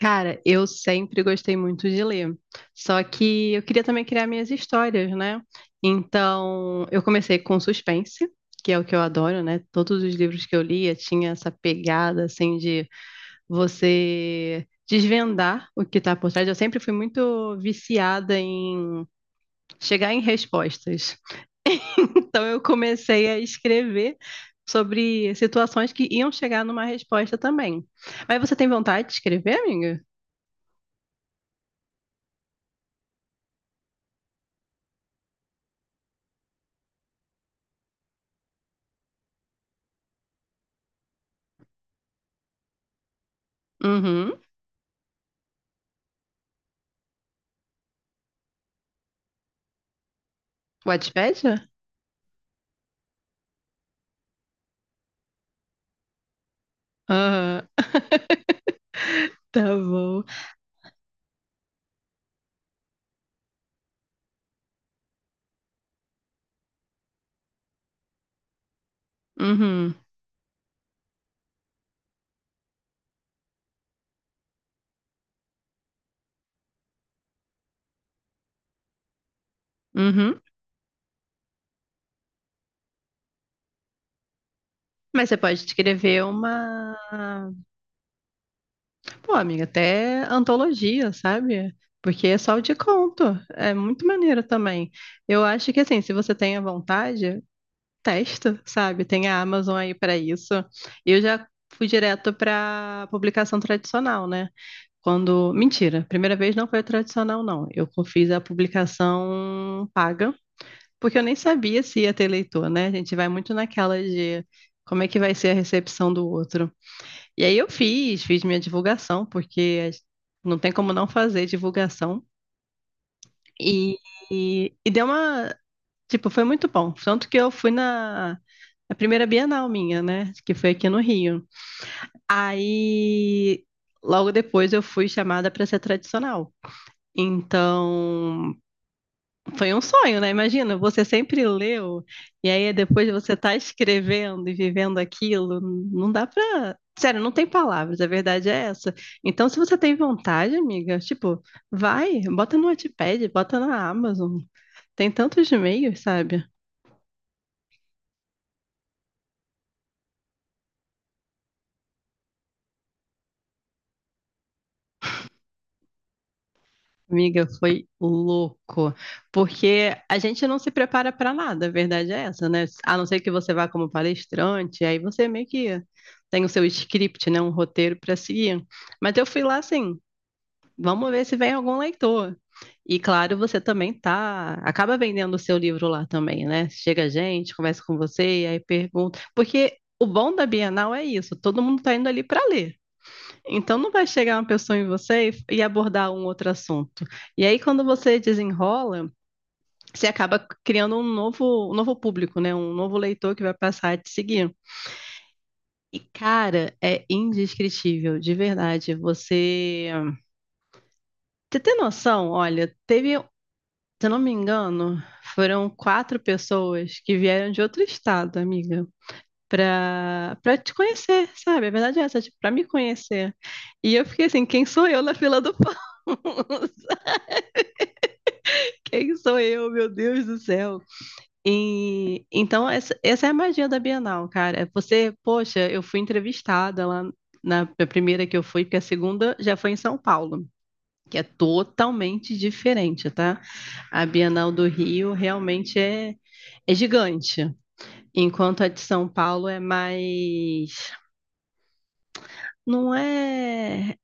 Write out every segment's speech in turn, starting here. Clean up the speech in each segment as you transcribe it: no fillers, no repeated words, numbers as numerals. Cara, eu sempre gostei muito de ler. Só que eu queria também criar minhas histórias, né? Então, eu comecei com suspense, que é o que eu adoro, né? Todos os livros que eu lia tinha essa pegada assim de você desvendar o que está por trás. Eu sempre fui muito viciada em chegar em respostas. Então, eu comecei a escrever sobre situações que iam chegar numa resposta também. Mas você tem vontade de escrever, amiga? Uhum. Wattpad? Aham. Tá bom. Uhum. Uhum. Mas você pode escrever uma. Pô, amiga, até antologia, sabe? Porque é só o de conto. É muito maneiro também. Eu acho que, assim, se você tem a vontade, testa, sabe? Tem a Amazon aí para isso. Eu já fui direto para publicação tradicional, né? Quando. Mentira, primeira vez não foi a tradicional, não. Eu fiz a publicação paga. Porque eu nem sabia se ia ter eleitor, né? A gente vai muito naquela de como é que vai ser a recepção do outro. E aí eu fiz, minha divulgação, porque não tem como não fazer divulgação. E, e deu uma. Tipo, foi muito bom. Tanto que eu fui na primeira Bienal minha, né? Que foi aqui no Rio. Aí, logo depois, eu fui chamada para ser tradicional. Então, foi um sonho, né? Imagina, você sempre leu, e aí depois você tá escrevendo e vivendo aquilo, não dá pra. Sério, não tem palavras, a verdade é essa. Então, se você tem vontade, amiga, tipo, vai, bota no Wattpad, bota na Amazon. Tem tantos meios, sabe? Amiga, foi louco, porque a gente não se prepara pra nada, a verdade é essa, né? A não ser que você vá como palestrante, aí você meio que tem o seu script, né, um roteiro pra seguir. Mas eu fui lá assim, vamos ver se vem algum leitor. E claro, você também tá, acaba vendendo o seu livro lá também, né? Chega gente, conversa com você e aí pergunta, porque o bom da Bienal é isso, todo mundo está indo ali para ler. Então não vai chegar uma pessoa em você e abordar um outro assunto. E aí quando você desenrola, você acaba criando um novo, público, né? Um novo leitor que vai passar a te seguir. E, cara, é indescritível, de verdade. Você tem noção? Olha, teve se eu não me engano, foram quatro pessoas que vieram de outro estado, amiga, pra, te conhecer, sabe? A verdade é essa, tipo, pra me conhecer. E eu fiquei assim, quem sou eu na fila do pão? Quem sou eu, meu Deus do céu? E, então, essa, é a magia da Bienal, cara. É você, poxa, eu fui entrevistada lá na primeira que eu fui, porque a segunda já foi em São Paulo, que é totalmente diferente, tá? A Bienal do Rio realmente é, é gigante, enquanto a de São Paulo é mais. Não é.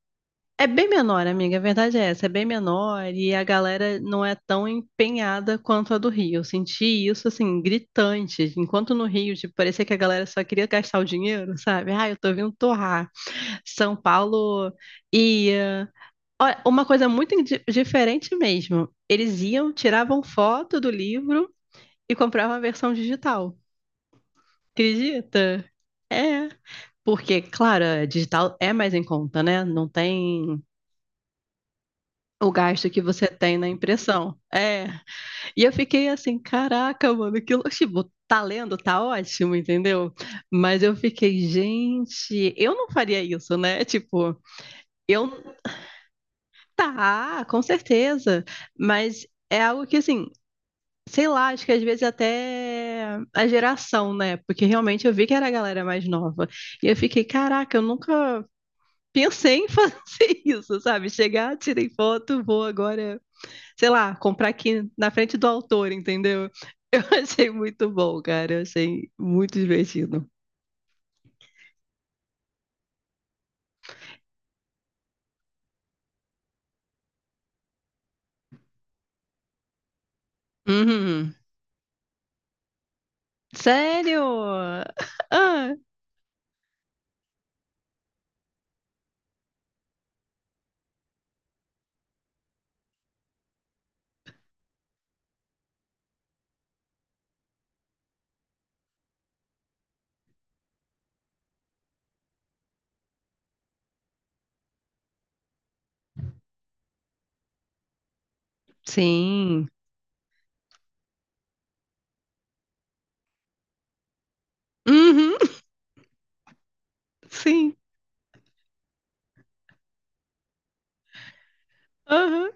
É bem menor, amiga, a verdade é essa, é bem menor e a galera não é tão empenhada quanto a do Rio. Eu senti isso, assim, gritante. Enquanto no Rio, tipo, parecia que a galera só queria gastar o dinheiro, sabe? Ah, eu tô vindo torrar. São Paulo ia, ó, uma coisa muito diferente mesmo. Eles iam, tiravam foto do livro e compravam a versão digital. Acredita? É. Porque, claro, a digital é mais em conta, né? Não tem o gasto que você tem na impressão. É. E eu fiquei assim, caraca, mano, que tipo, tá lendo, tá ótimo, entendeu? Mas eu fiquei, gente, eu não faria isso, né? Tipo, eu tá, com certeza, mas é algo que assim, sei lá, acho que às vezes até a geração, né? Porque realmente eu vi que era a galera mais nova. E eu fiquei, caraca, eu nunca pensei em fazer isso, sabe? Chegar, tirei foto, vou agora, sei lá, comprar aqui na frente do autor, entendeu? Eu achei muito bom, cara. Eu achei muito divertido. Uhum. Sério? Ah, sim. Uhum, sim. Aham.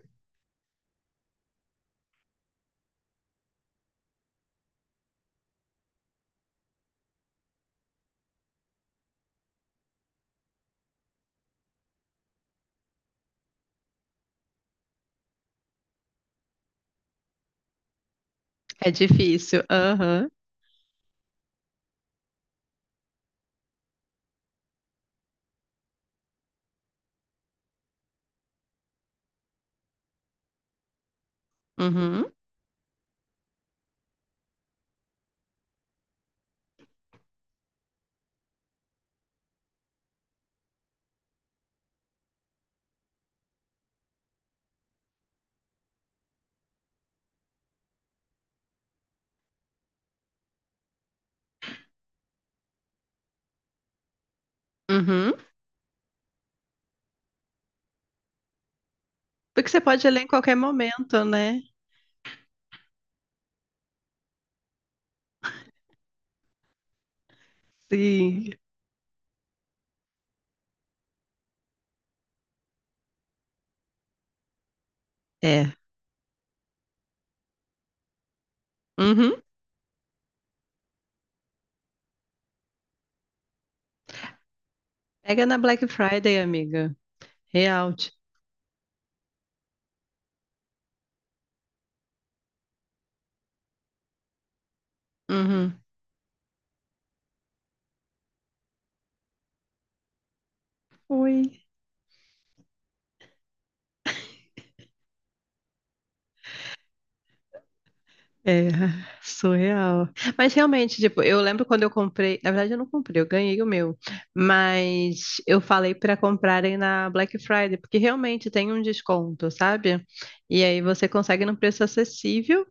É difícil. Aham. Uhum. Uhum. Porque você pode ler em qualquer momento, né? Sim. É. Uhum. Pega na Black Friday, amiga. Real. Uhum. Ui. É, surreal. Mas realmente, tipo, eu lembro quando eu comprei. Na verdade, eu não comprei, eu ganhei o meu. Mas eu falei para comprarem na Black Friday, porque realmente tem um desconto, sabe? E aí você consegue num preço acessível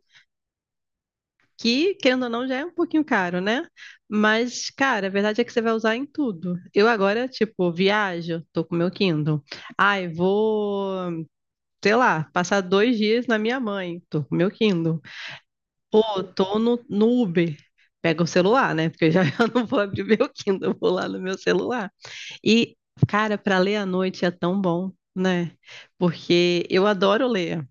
que, querendo ou não, já é um pouquinho caro, né? Mas, cara, a verdade é que você vai usar em tudo. Eu agora, tipo, viajo, tô com meu Kindle. Ai, vou, sei lá, passar dois dias na minha mãe, tô com meu Kindle. Pô, tô no, Uber. Pega o celular, né? Porque eu já eu não vou abrir meu Kindle, eu vou lá no meu celular. E, cara, para ler à noite é tão bom, né? Porque eu adoro ler.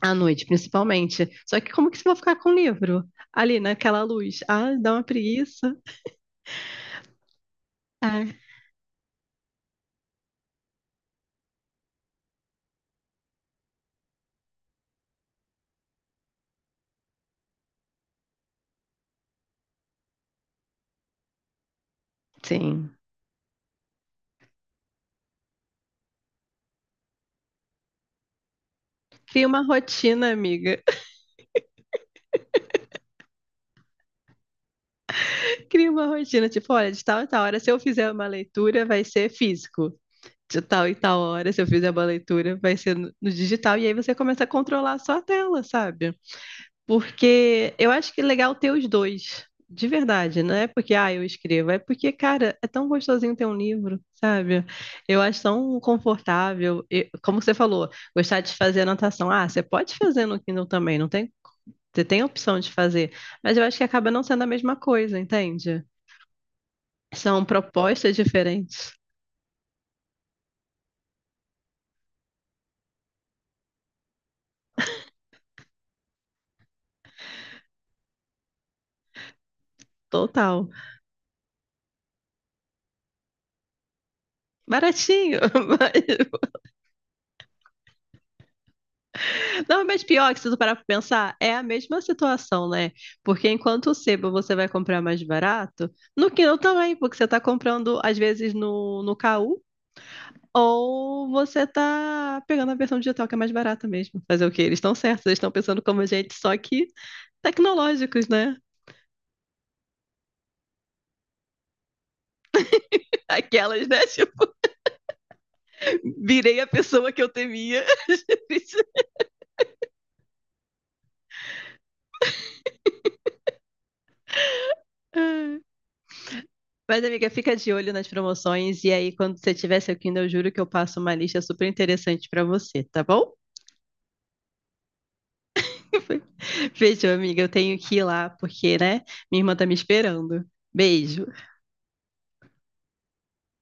À noite, principalmente. Só que como que você vai ficar com o livro? Ali, naquela luz. Ah, dá uma preguiça. Ah, sim. Cria uma rotina, amiga. Cria uma rotina. Tipo, olha, de tal e tal hora, se eu fizer uma leitura, vai ser físico. De tal e tal hora, se eu fizer uma leitura, vai ser no digital. E aí você começa a controlar a sua tela, sabe? Porque eu acho que é legal ter os dois, de verdade, não é porque ah, eu escrevo, é porque, cara, é tão gostosinho ter um livro, sabe? Eu acho tão confortável. E, como você falou, gostar de fazer anotação. Ah, você pode fazer no Kindle também, não tem? Você tem a opção de fazer, mas eu acho que acaba não sendo a mesma coisa, entende? São propostas diferentes. Total. Baratinho, mas não, mas pior que se tu parar pra pensar, é a mesma situação, né? Porque enquanto o sebo você vai comprar mais barato, no Kindle também, porque você tá comprando, às vezes, no, KU, ou você tá pegando a versão digital que é mais barata mesmo. Fazer o quê? Eles estão certos, eles estão pensando como a gente, só que tecnológicos, né? Aquelas, né? Tipo, virei a pessoa que eu temia. Mas, amiga, fica de olho nas promoções e aí, quando você tiver seu Kindle, eu juro que eu passo uma lista super interessante pra você, tá bom? Fechou, amiga. Eu tenho que ir lá, porque, né? Minha irmã tá me esperando. Beijo.